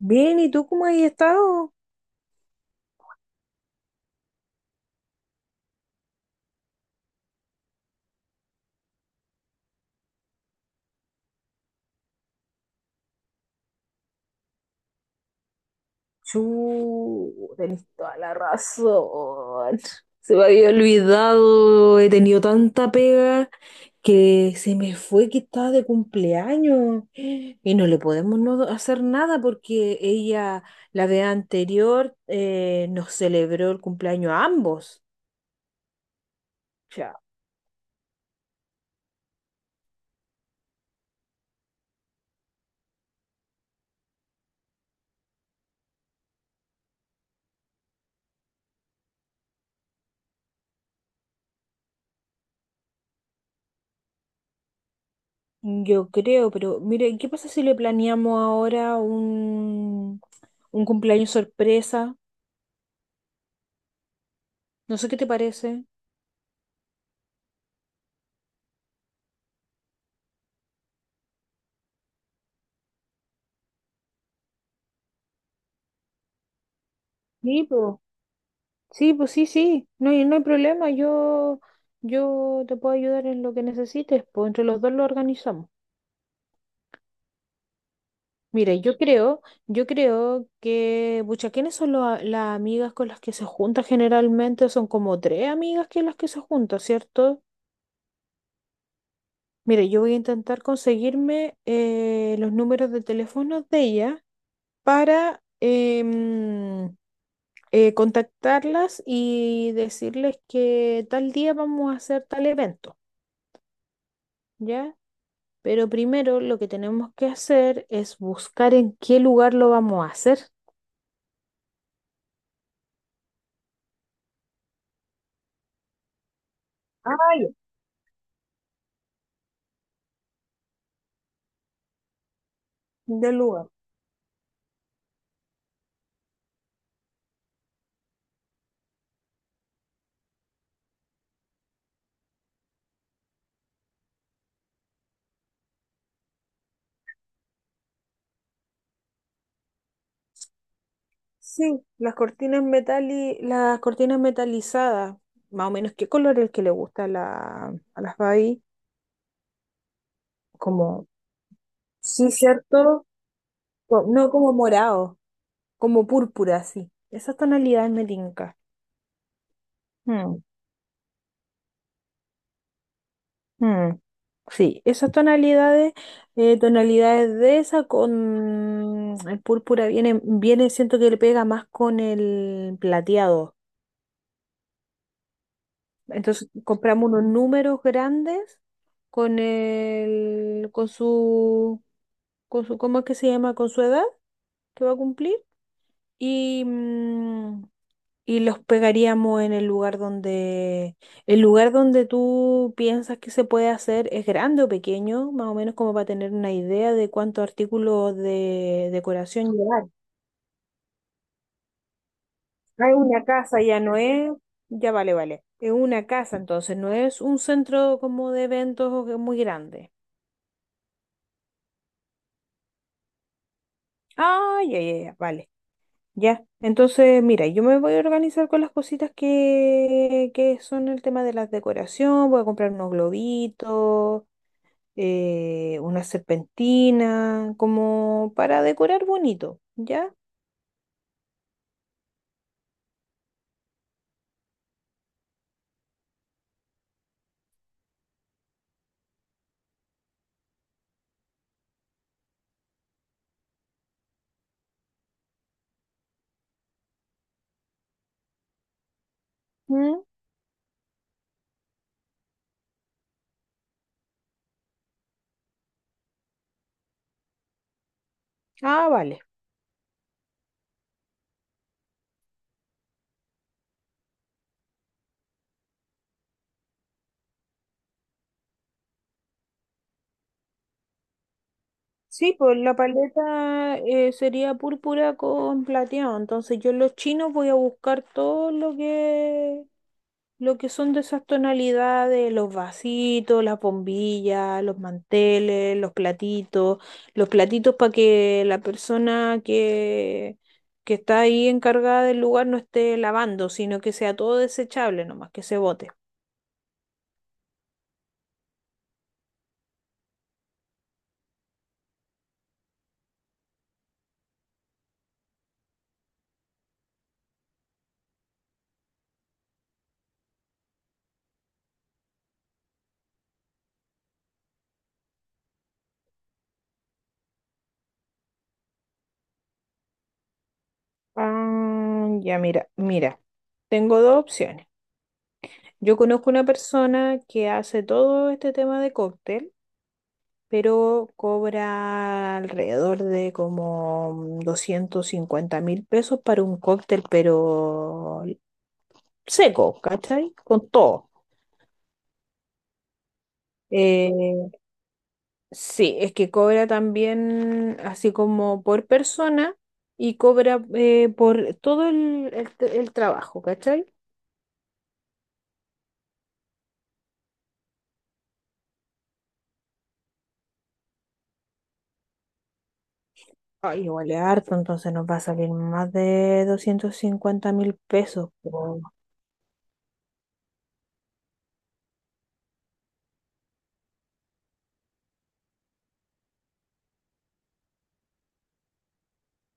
Bien, ¿y tú cómo has estado? Chu, tenés toda la razón. Se me había olvidado, he tenido tanta pega que se me fue que estaba de cumpleaños y no le podemos no hacer nada porque ella, la vez anterior, nos celebró el cumpleaños a ambos. Ya. Yo creo, pero mire, ¿qué pasa si le planeamos ahora un cumpleaños sorpresa? No sé qué te parece. Sí, pues, sí, pues sí, sí, no hay problema, yo te puedo ayudar en lo que necesites, pues entre los dos lo organizamos. Mira, yo creo que, pucha, ¿quiénes son las amigas con las que se junta generalmente? Son como tres amigas que las que se junta, ¿cierto? Mira, yo voy a intentar conseguirme los números de teléfono de ella para contactarlas y decirles que tal día vamos a hacer tal evento. ¿Ya? Pero primero lo que tenemos que hacer es buscar en qué lugar lo vamos a hacer. Ay, del lugar. Sí, las cortinas metalizadas, más o menos qué color es el que le gusta a, la, a las Babi, como, sí, cierto. No como morado, como púrpura, sí. Esas tonalidades me tinca. Mm. Mm, sí, esas tonalidades, tonalidades de esa con el púrpura viene, viene, siento que le pega más con el plateado. Entonces compramos unos números grandes con con su, ¿cómo es que se llama? Con su edad que va a cumplir. Y, y los pegaríamos en el lugar donde tú piensas que se puede hacer es grande o pequeño, más o menos como para tener una idea de cuántos artículos de decoración llevar. Ah, es una casa, ya no es, ya vale, vale. Es una casa, entonces no es un centro como de eventos o que muy grande. Ah, ya, ya, ya, vale. Ya, entonces mira, yo me voy a organizar con las cositas que son el tema de la decoración, voy a comprar unos globitos, una serpentina, como para decorar bonito, ¿ya? ¿Mm? Ah, vale. Sí, pues la paleta sería púrpura con plateado, entonces yo en los chinos voy a buscar todo lo que lo que son de esas tonalidades, los vasitos, las bombillas, los manteles, los platitos para que la persona que está ahí encargada del lugar no esté lavando, sino que sea todo desechable nomás, que se bote. Ah, ya mira, mira, tengo dos opciones. Yo conozco una persona que hace todo este tema de cóctel, pero cobra alrededor de como $250.000 para un cóctel, pero seco, ¿cachai? Con todo. Eh, sí, es que cobra también así como por persona y cobra por todo el trabajo, ¿cachai? Ay, igual es harto, entonces nos va a salir más de $250.000.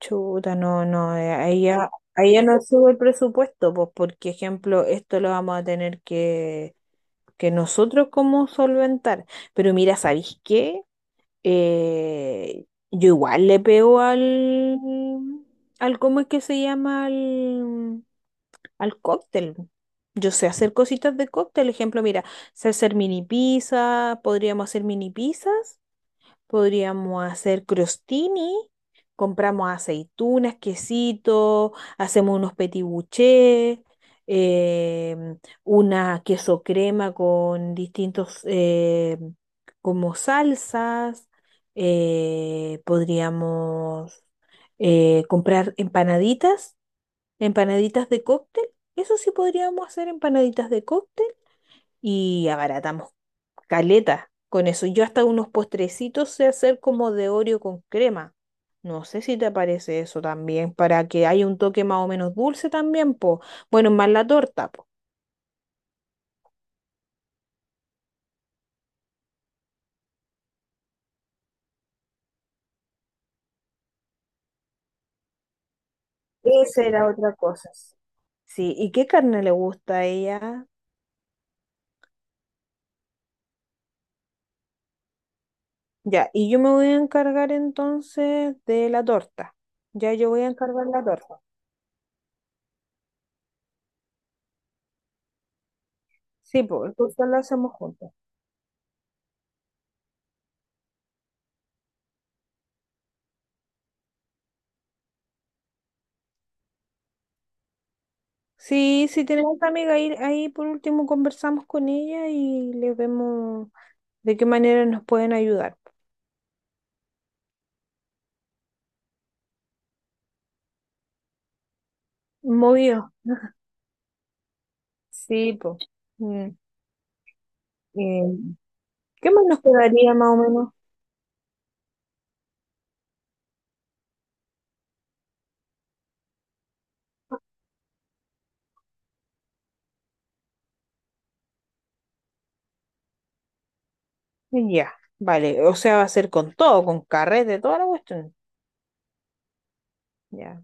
Chuta, no, no, ahí ya no sube el presupuesto, pues porque ejemplo, esto lo vamos a tener que nosotros como solventar. Pero mira, ¿sabéis qué? Eh, yo igual le pego ¿cómo es que se llama? Al cóctel. Yo sé hacer cositas de cóctel, ejemplo, mira, sé hacer mini pizza, podríamos hacer mini pizzas, podríamos hacer crostini, compramos aceitunas, quesito, hacemos unos petit bouchés, em, una queso crema con distintos como salsas. Podríamos comprar empanaditas, empanaditas de cóctel. Eso sí, podríamos hacer empanaditas de cóctel y abaratamos caleta con eso. Yo hasta unos postrecitos sé hacer como de Oreo con crema. No sé si te parece eso también, para que haya un toque más o menos dulce también, po. Bueno, más la torta, po. Esa era otra cosa. Sí, ¿y qué carne le gusta a ella? Ya, y yo me voy a encargar entonces de la torta. Ya, yo voy a encargar la torta. Sí, pues, entonces la hacemos juntos. Sí, si tenemos a amiga ahí, ahí por último conversamos con ella y le vemos de qué manera nos pueden ayudar. Movido. Sí, pues. ¿Qué más nos quedaría más o menos? Ya, vale. O sea, va a ser con todo, con carrete, toda la cuestión. Ya.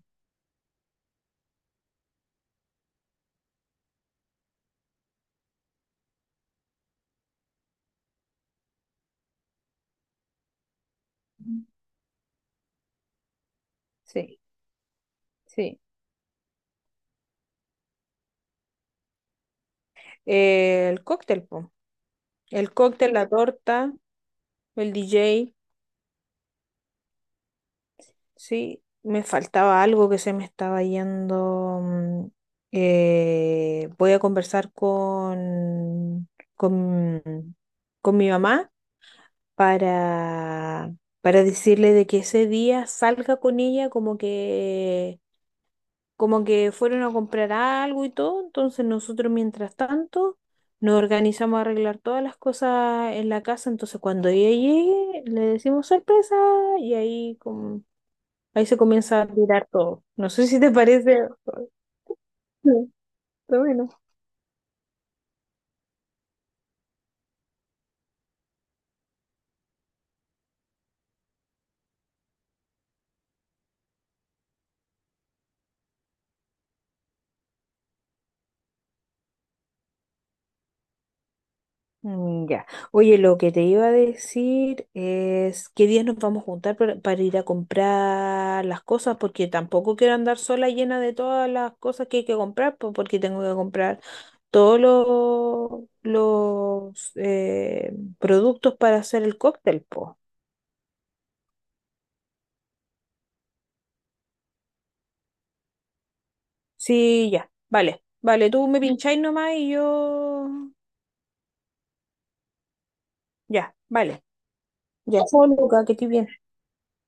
Sí, sí. El cóctel, po. El cóctel, la torta, el DJ. Sí, me faltaba algo que se me estaba yendo. Voy a conversar con, con mi mamá para, para decirle de que ese día salga con ella como que fueron a comprar algo y todo. Entonces nosotros mientras tanto nos organizamos a arreglar todas las cosas en la casa. Entonces cuando ella llegue le decimos sorpresa y ahí como ahí se comienza a tirar todo. No sé si te parece. Sí, está bueno. Mm, ya. Oye, lo que te iba a decir es qué días nos vamos a juntar para ir a comprar las cosas, porque tampoco quiero andar sola llena de todas las cosas que hay que comprar, porque tengo que comprar todos los productos para hacer el cóctel, po. Sí, ya. Vale, vale, tú me pincháis nomás y yo. Ya, vale. Ya, chao, Luca, que estoy bien.